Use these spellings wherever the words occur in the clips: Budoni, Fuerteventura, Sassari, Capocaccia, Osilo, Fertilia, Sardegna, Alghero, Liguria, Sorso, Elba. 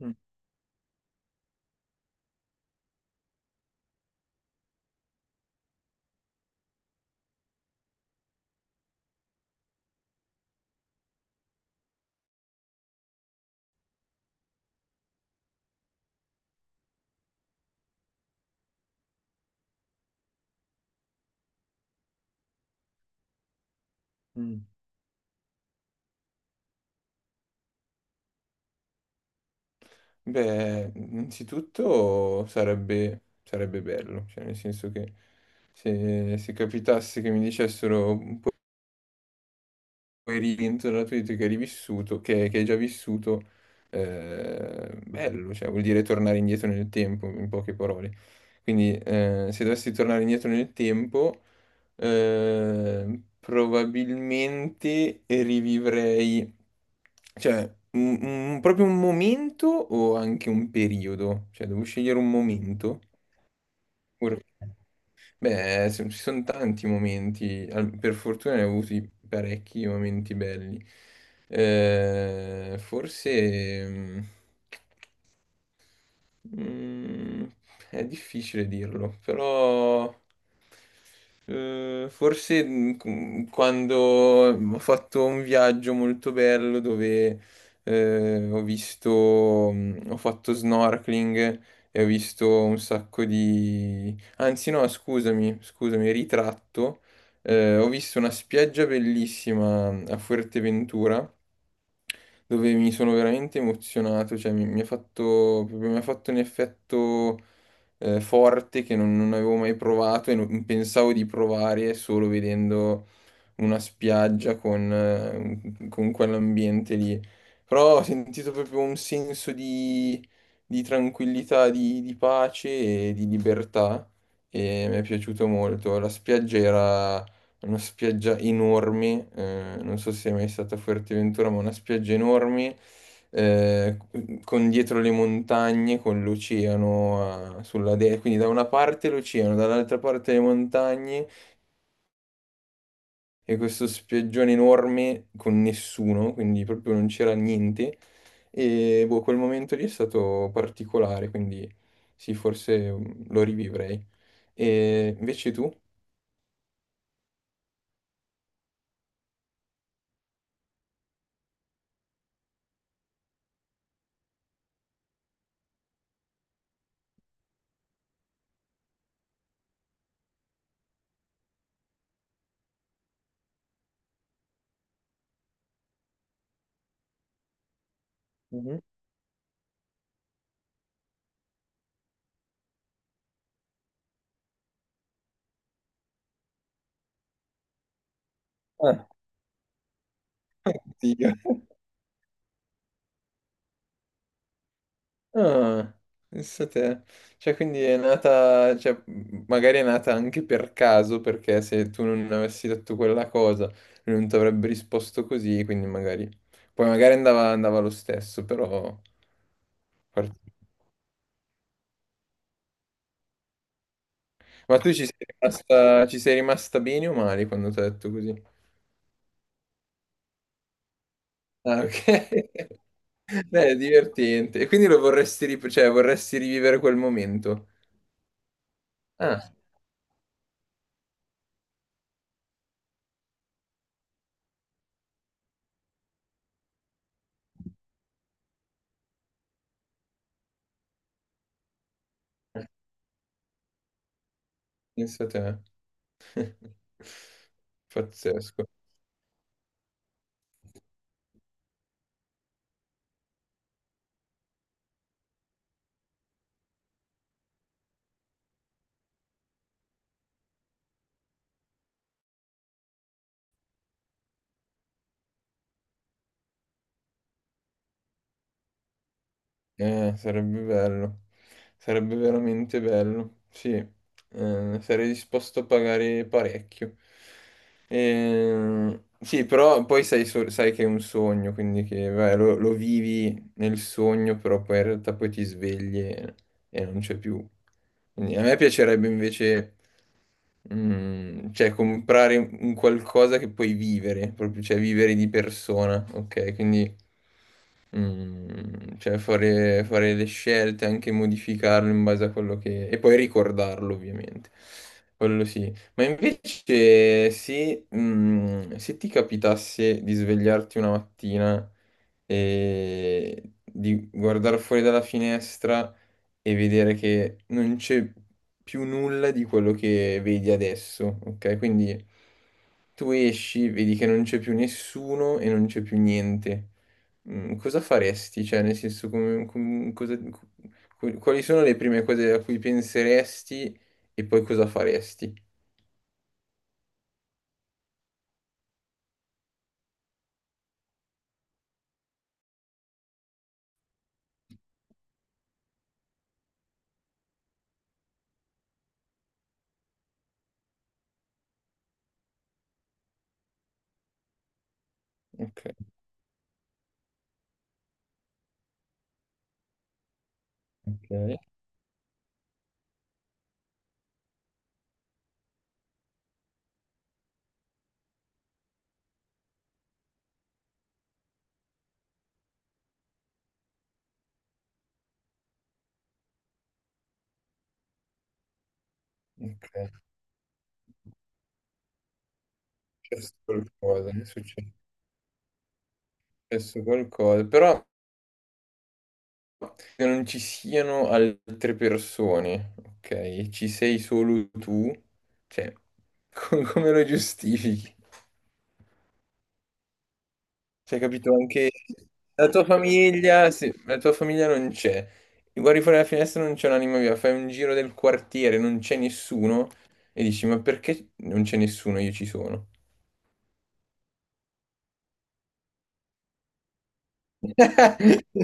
Mm, mm. Beh, innanzitutto sarebbe bello, cioè nel senso che se capitasse che mi dicessero un po' puoi rientrare nella tua vita che hai rivissuto, che hai già vissuto, bello, cioè vuol dire tornare indietro nel tempo, in poche parole. Quindi se dovessi tornare indietro nel tempo. Probabilmente rivivrei, cioè, proprio un momento o anche un periodo? Cioè, devo scegliere un momento? Oppure- Beh, ci sono tanti momenti, per fortuna ne ho avuti parecchi momenti belli. Forse... Mm, è difficile dirlo, però forse quando ho fatto un viaggio molto bello dove ho fatto snorkeling e ho visto un sacco di— Anzi no, scusami, scusami, ritratto. Ho visto una spiaggia bellissima a Fuerteventura dove mi sono veramente emozionato, cioè mi ha fatto, proprio mi ha fatto un effetto forte che non avevo mai provato e non pensavo di provare solo vedendo una spiaggia con quell'ambiente lì. Però ho sentito proprio un senso di tranquillità, di pace e di libertà e mi è piaciuto molto. La spiaggia era una spiaggia enorme, non so se è mai stata a Fuerteventura, ma una spiaggia enorme eh, con dietro le montagne, con l'oceano sulla destra, quindi da una parte l'oceano, dall'altra parte le montagne e questo spiaggione enorme con nessuno, quindi proprio non c'era niente. E boh, quel momento lì è stato particolare, quindi sì, forse lo rivivrei. E invece tu? Mhm. Ah, Dio. Ah, pensa te. Cioè, quindi è nata, cioè, magari è nata anche per caso, perché se tu non avessi detto quella cosa, lui non ti avrebbe risposto così, quindi magari. Poi magari andava, andava lo stesso, però. Ma tu ci sei rimasta bene o male quando ti ho detto così? Ah, ok. Beh, è divertente. E quindi lo vorresti, cioè, vorresti rivivere quel momento? Ah, pensa te. Pazzesco. Sarebbe bello, sarebbe veramente bello, sì. Sarei disposto a pagare parecchio. Sì, però poi sai, sai che è un sogno, quindi che vai, lo vivi nel sogno, però poi in realtà poi ti svegli e non c'è più. Quindi a me piacerebbe invece, cioè, comprare un qualcosa che puoi vivere, proprio, cioè vivere di persona, ok? Quindi cioè fare le scelte, anche modificarlo in base a quello che— e poi ricordarlo ovviamente, quello sì. Ma invece se ti capitasse di svegliarti una mattina e di guardare fuori dalla finestra e vedere che non c'è più nulla di quello che vedi adesso, ok? Quindi tu esci, vedi che non c'è più nessuno e non c'è più niente. Cosa faresti? Cioè, nel senso, quali sono le prime cose a cui penseresti e poi cosa faresti? Ok, ok, ok. Successo è successo qualcosa, però che non ci siano altre persone, ok? Ci sei solo tu, cioè, come lo giustifichi? Cioè, capito? Anche la tua famiglia, sì, la tua famiglia non c'è. Guardi fuori dalla finestra, non c'è un'anima viva. Fai un giro del quartiere, non c'è nessuno. E dici, ma perché non c'è nessuno? Io ci sono.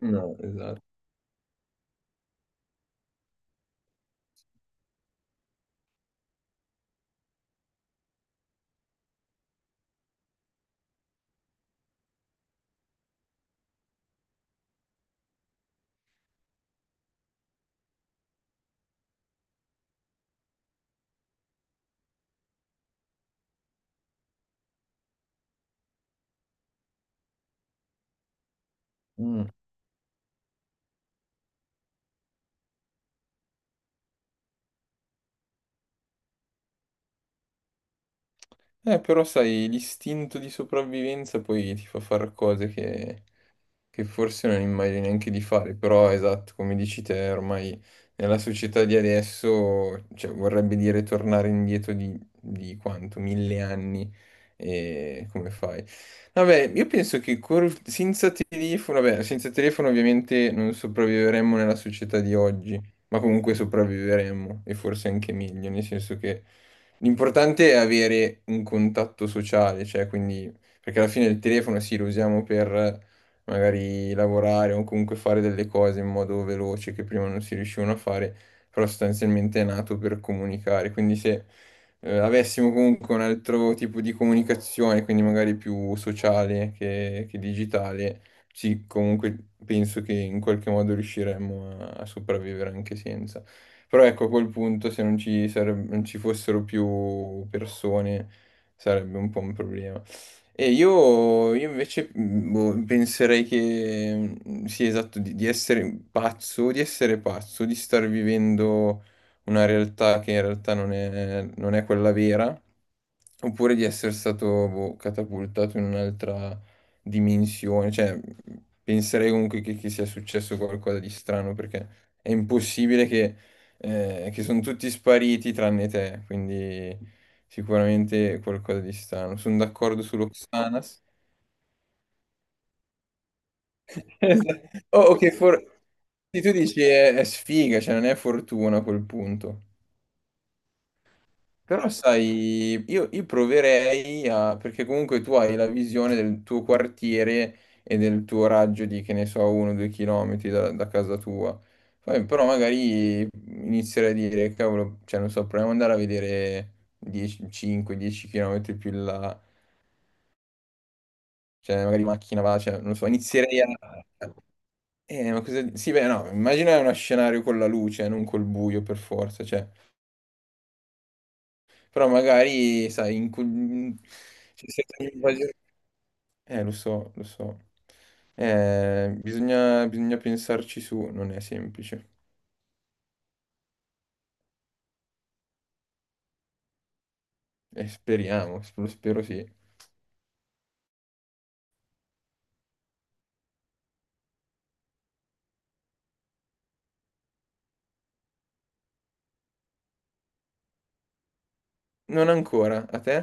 No, esatto. Mm. Però sai, l'istinto di sopravvivenza poi ti fa fare cose che forse non immagini neanche di fare, però esatto, come dici te, ormai nella società di adesso, cioè, vorrebbe dire tornare indietro di quanto? 1000 anni e come fai? Vabbè, io penso che senza telefono, vabbè, senza telefono ovviamente non sopravviveremmo nella società di oggi, ma comunque sopravviveremmo e forse anche meglio, nel senso che l'importante è avere un contatto sociale, cioè quindi, perché alla fine il telefono sì lo usiamo per magari lavorare o comunque fare delle cose in modo veloce che prima non si riuscivano a fare, però sostanzialmente è nato per comunicare. Quindi se avessimo comunque un altro tipo di comunicazione, quindi magari più sociale che digitale, sì, comunque penso che in qualche modo riusciremmo a sopravvivere anche senza. Però ecco, a quel punto se non ci fossero più persone sarebbe un po' un problema. E io invece boh, penserei che sì, esatto, di essere pazzo, di essere pazzo, di star vivendo una realtà che in realtà non è quella vera. Oppure di essere stato boh, catapultato in un'altra dimensione. Cioè, penserei comunque che sia successo qualcosa di strano perché è impossibile che sono tutti spariti tranne te. Quindi sicuramente qualcosa di strano. Sono d'accordo sull'Oxanas. Esatto. Oh, ok, for— sì, tu dici è, sfiga, cioè non è fortuna a quel punto. Però sai, io proverei a, perché comunque tu hai la visione del tuo quartiere e del tuo raggio di, che ne so, 1 o 2 chilometri da casa tua. Poi, però magari inizierei a dire, cavolo, cioè non so, proviamo ad andare a vedere 10, 5-10 chilometri più in là, cioè magari macchina va, cioè non so, inizierei a— ma cosa— Sì, beh, no, immagina uno scenario con la luce, non col buio per forza, cioè, però magari, sai, in— cioè, senza. Lo so, lo so. Bisogna pensarci su, non è semplice. Speriamo, lo spero sì. Non ancora, a te?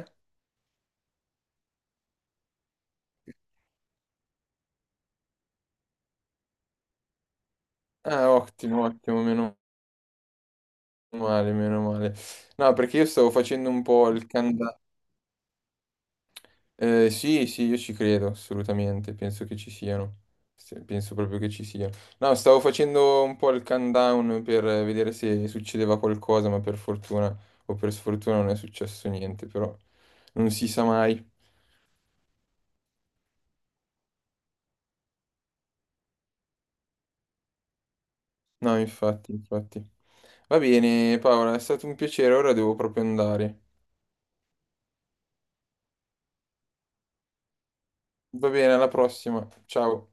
Ah, ottimo, ottimo, meno male, meno male. No, perché io stavo facendo un po' il canda- Sì, sì, io ci credo, assolutamente, penso che ci siano. Penso proprio che ci siano. No, stavo facendo un po' il countdown per vedere se succedeva qualcosa, ma per fortuna o per sfortuna non è successo niente, però non si sa mai. No, infatti, infatti. Va bene, Paola, è stato un piacere, ora devo proprio andare. Va bene, alla prossima, ciao.